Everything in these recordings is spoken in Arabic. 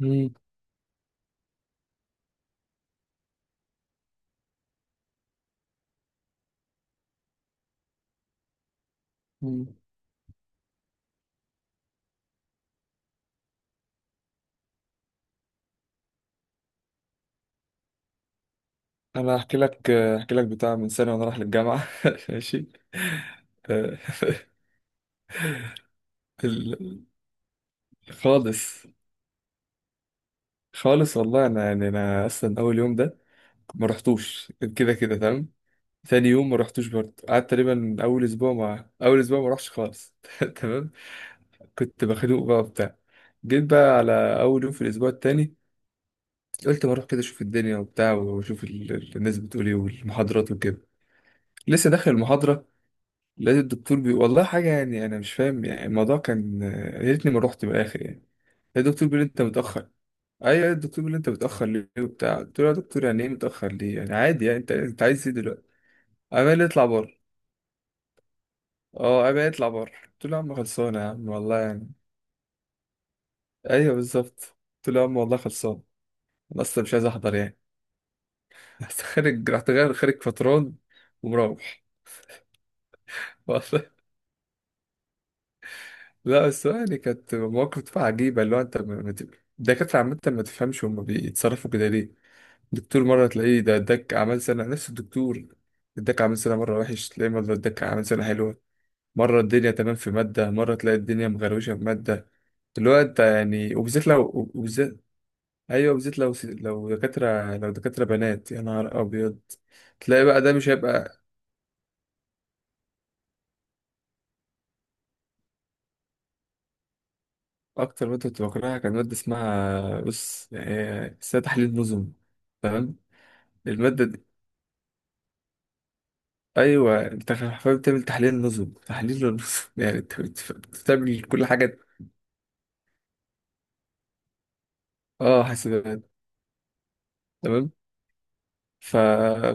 مم. مم. انا هحكي لك بتاع من سنه وانا رايح للجامعه. ماشي. آه، ال- خالص. خالص والله، انا اصلا اول يوم ده ما رحتوش، كده كده تمام. ثاني يوم ما رحتوش برضه، قعدت تقريبا اول اسبوع، ما رحتش خالص تمام. كنت بخنوق بقى وبتاع. جيت بقى على اول يوم في الاسبوع التاني. قلت ما اروح كده اشوف الدنيا وبتاع، واشوف الناس بتقول ايه، والمحاضرات وكده. لسه داخل المحاضره، لقيت الدكتور والله حاجة، يعني أنا مش فاهم، يعني الموضوع كان يا ريتني ما رحت من الآخر يعني. لقيت الدكتور بيقول لي أنت متأخر. أيوة، الدكتور بيقول لي أنت متأخر ليه وبتاع، قلت له يا دكتور يعني إيه متأخر ليه؟ يعني عادي، يعني أنت عايز إيه دلوقتي؟ قام قال لي اطلع بره. أه، قام قال لي اطلع بره، قلت له يا عم خلصانة، يا عم والله يعني. أيوة بالظبط، قلت له يا عم والله خلصانة. أنا أصلا مش عايز أحضر يعني. بس خارج، رحت غير خارج فتران، ومروح. لا، بس هو يعني كانت مواقف عجيبة، اللي هو انت الدكاترة عامة ما تفهمش، هما بيتصرفوا كده ليه. الدكتور مرة تلاقيه ده اداك أعمال سنة، نفس الدكتور اداك أعمال سنة مرة وحش، تلاقيه مرة اداك أعمال سنة حلوة. مرة الدنيا تمام في مادة، مرة تلاقي الدنيا مغروشة في مادة. اللي هو انت يعني، وبالذات وبالذات أيوه بالذات، لو دكاترة لو دكاترة بنات، يا نهار أبيض. تلاقي بقى ده مش هيبقى. أكتر مادة كنت بكرهها كان مادة اسمها بص، يعني اسمها تحليل نظم، تمام. المادة دي ايوه، انت حرفيا بتعمل تحليل نظم، تحليل للنظم. يعني انت بتعمل كل حاجه. اه، حاسبات، تمام. ف...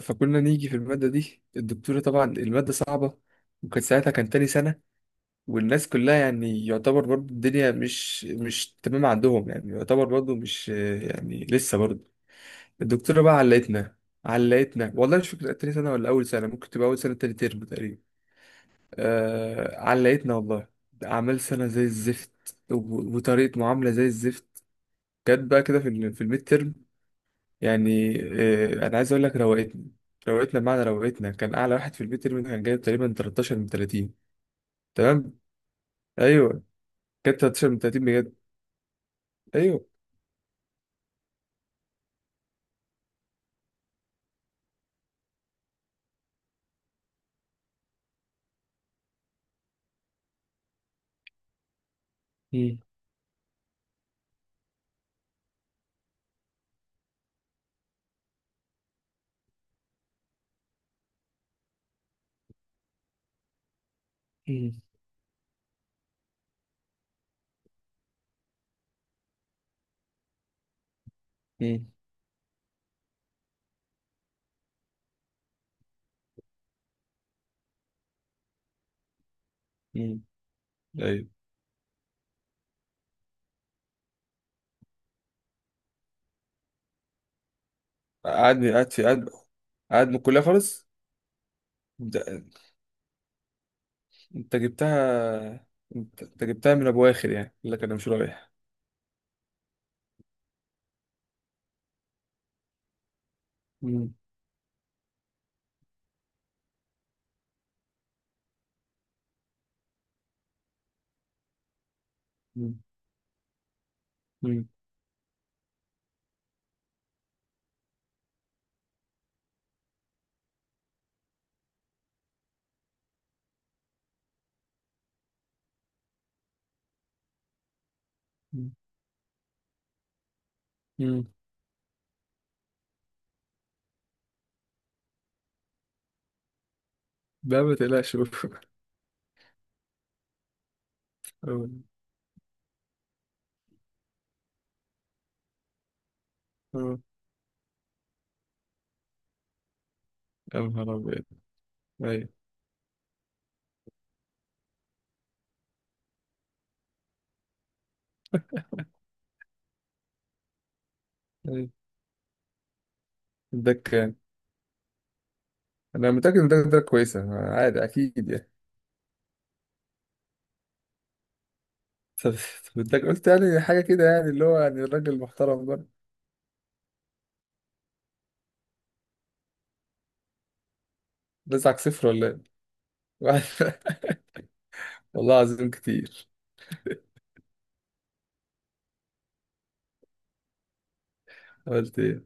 فكنا نيجي في الماده دي، الدكتوره، طبعا الماده صعبه، وكان ساعتها تاني سنه. والناس كلها يعني يعتبر برضو الدنيا مش تمام عندهم، يعني يعتبر برضو مش، يعني لسه برضو. الدكتوره بقى علقتنا. علقتنا والله، مش فاكر تاني سنه ولا اول سنه، ممكن تبقى اول سنه تاني ترم تقريبا. آه، علقتنا والله. أعمال سنة زي الزفت، وطريقة معاملة زي الزفت. جت بقى كده في الميد ترم. يعني أنا عايز أقول لك روقتنا. روقتنا بمعنى روقتنا، كان أعلى واحد في الميد ترم كان جايب تقريبا 13 من 30. تمام. أيوه، كان 13 من 30 بجد. أيوه. مم. مم. مم. مم. أيوه. قعدني قعد في قعد قعد من الكلية خالص. ده- أنت جبتها. أنت جبتها من أبو آخر، يعني يقول لك أنا مش رايح. مم. مم. مم. مم. لا ما تقلقش أه. يا نهار أبيض. أيوة، أيوة. الدك كان أنا متأكد إن ده كويسة، عادي، أكيد يعني. طب طب، إداك قلت يعني حاجة كده، يعني اللي هو يعني الراجل محترم برضه. رزعك صفر ولا إيه؟ واحد- والله العظيم كتير. قلت إيه؟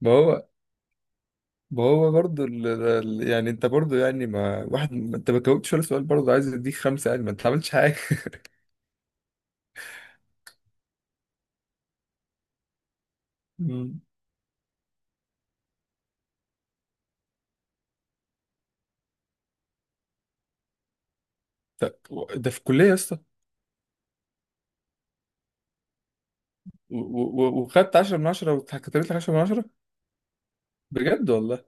ما هو، ما هو برضه يعني أنت برضه يعني، ما واحد ما أنت ما جاوبتش ولا سؤال، برضه عايز أديك خمسة يعني؟ ما أنت عملتش حاجة. مم. طب، ده في الكلية يا اسطى؟ وخدت 10 من 10، واتكتبت لك 10 من 10 بجد والله؟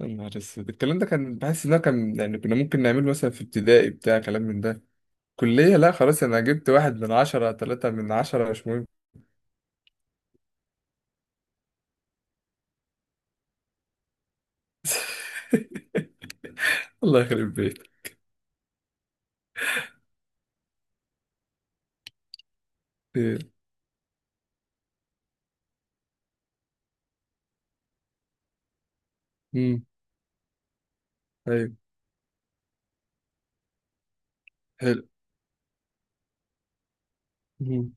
يا نهار اسود، الكلام ده كان بحس ان هو كان، يعني كنا ممكن نعمله مثلا في ابتدائي، بتاع كلام من ده. كلية، لا خلاص. انا جبت واحد من عشرة، تلاتة من عشرة، مش مهم. الله يخرب بيتك. خير. امم ايوه، حلو. امم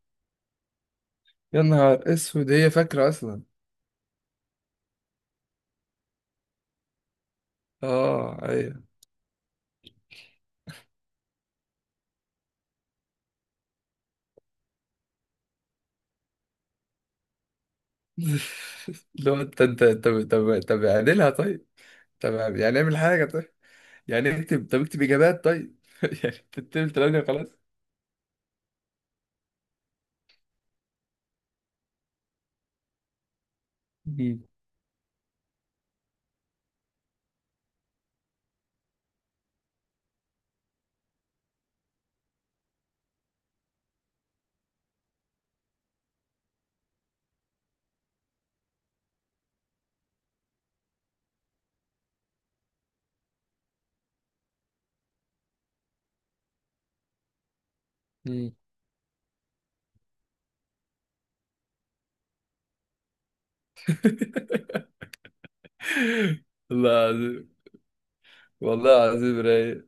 يا نهار اسود، هي فاكرة اصلا؟ اه ايوه. لو انت طب طب طب اعدلها طيب. طب يعني اعمل حاجة طيب. يعني اكتب، طب اكتب اجابات طيب. يعني تكتب، تلاقيني خلاص. امم امم الله. والله العظيم رايق.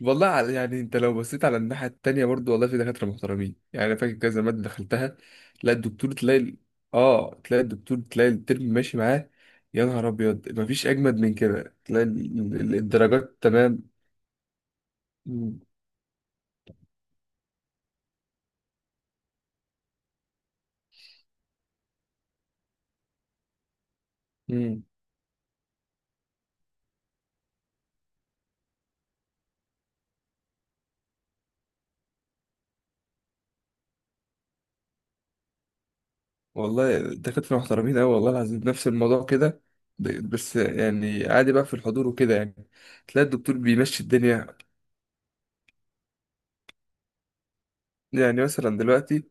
والله يعني انت لو بصيت على الناحية التانية برضو، والله في دكاترة محترمين. يعني انا فاكر كذا مادة دخلتها. تلاقي الدكتور تلاقي ال- اه، تلاقي الدكتور تلاقي الترم ماشي معاه. يا نهار ابيض، مفيش اجمد من كده، تلاقي الدرجات تمام. مم. مم. والله دكاترة محترمين اوي والله العظيم، نفس الموضوع كده. بس يعني عادي بقى في الحضور وكده، يعني تلاقي الدكتور بيمشي الدنيا. يعني مثلا دلوقتي،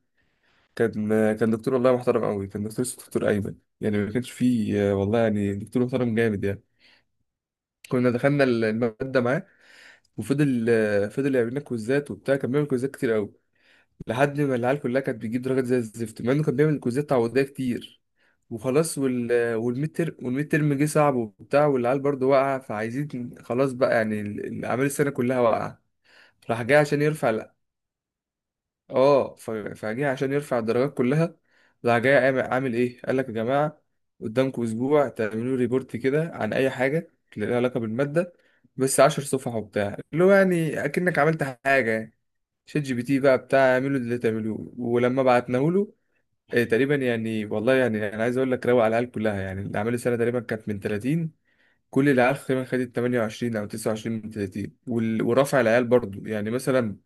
كان كان دكتور والله محترم قوي، كان دكتور اسمه دكتور ايمن. يعني ما كانش فيه والله، يعني دكتور محترم جامد يعني. كنا دخلنا الماده معاه، وفضل يعمل لنا كويزات وبتاع، كان بيعمل كويزات كتير قوي، لحد ما العيال كلها كانت بتجيب درجات زي الزفت، مع انه كان بيعمل كويزات تعويضيه كتير. وخلاص، والميد ترم جه صعب وبتاع، والعيال برضه واقعه، فعايزين خلاص بقى، يعني اعمال السنه كلها واقعه. راح جاي عشان يرفع اه ف- فجه عشان يرفع الدرجات كلها. راح جاي عامل ايه، قال لك يا جماعه قدامكم اسبوع تعملوا ريبورت كده عن اي حاجه اللي لها علاقه بالماده، بس عشر صفح وبتاع، اللي هو يعني اكنك عملت حاجه يعني. شات جي بي تي بقى بتاع، اعملوا اللي تعملوه. ولما بعتناه له، إيه تقريبا يعني، والله يعني انا عايز اقول لك روق على العيال كلها. يعني الاعمال السنه تقريبا كانت من 30، كل العيال تقريبا خدت 28 او 29 من 30، ورفع العيال برضو يعني مثلا.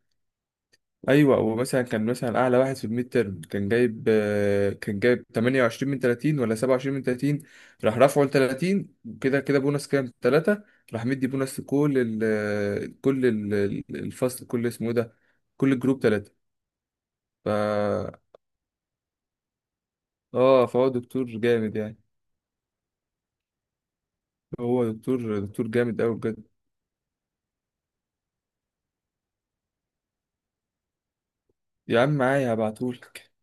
ايوه، ومثلا كان مثلا اعلى واحد في الميد تيرم كان جايب 28 من 30 ولا 27 من 30، راح رافعه ل 30، وكده كده بونص كام 3. راح مدي بونص لكل ال كل ال الفصل، كل اسمه إيه ده، كل الجروب 3. ف اه فهو دكتور جامد يعني. هو دكتور جامد قوي بجد. يا عم معايا هبعتهولك.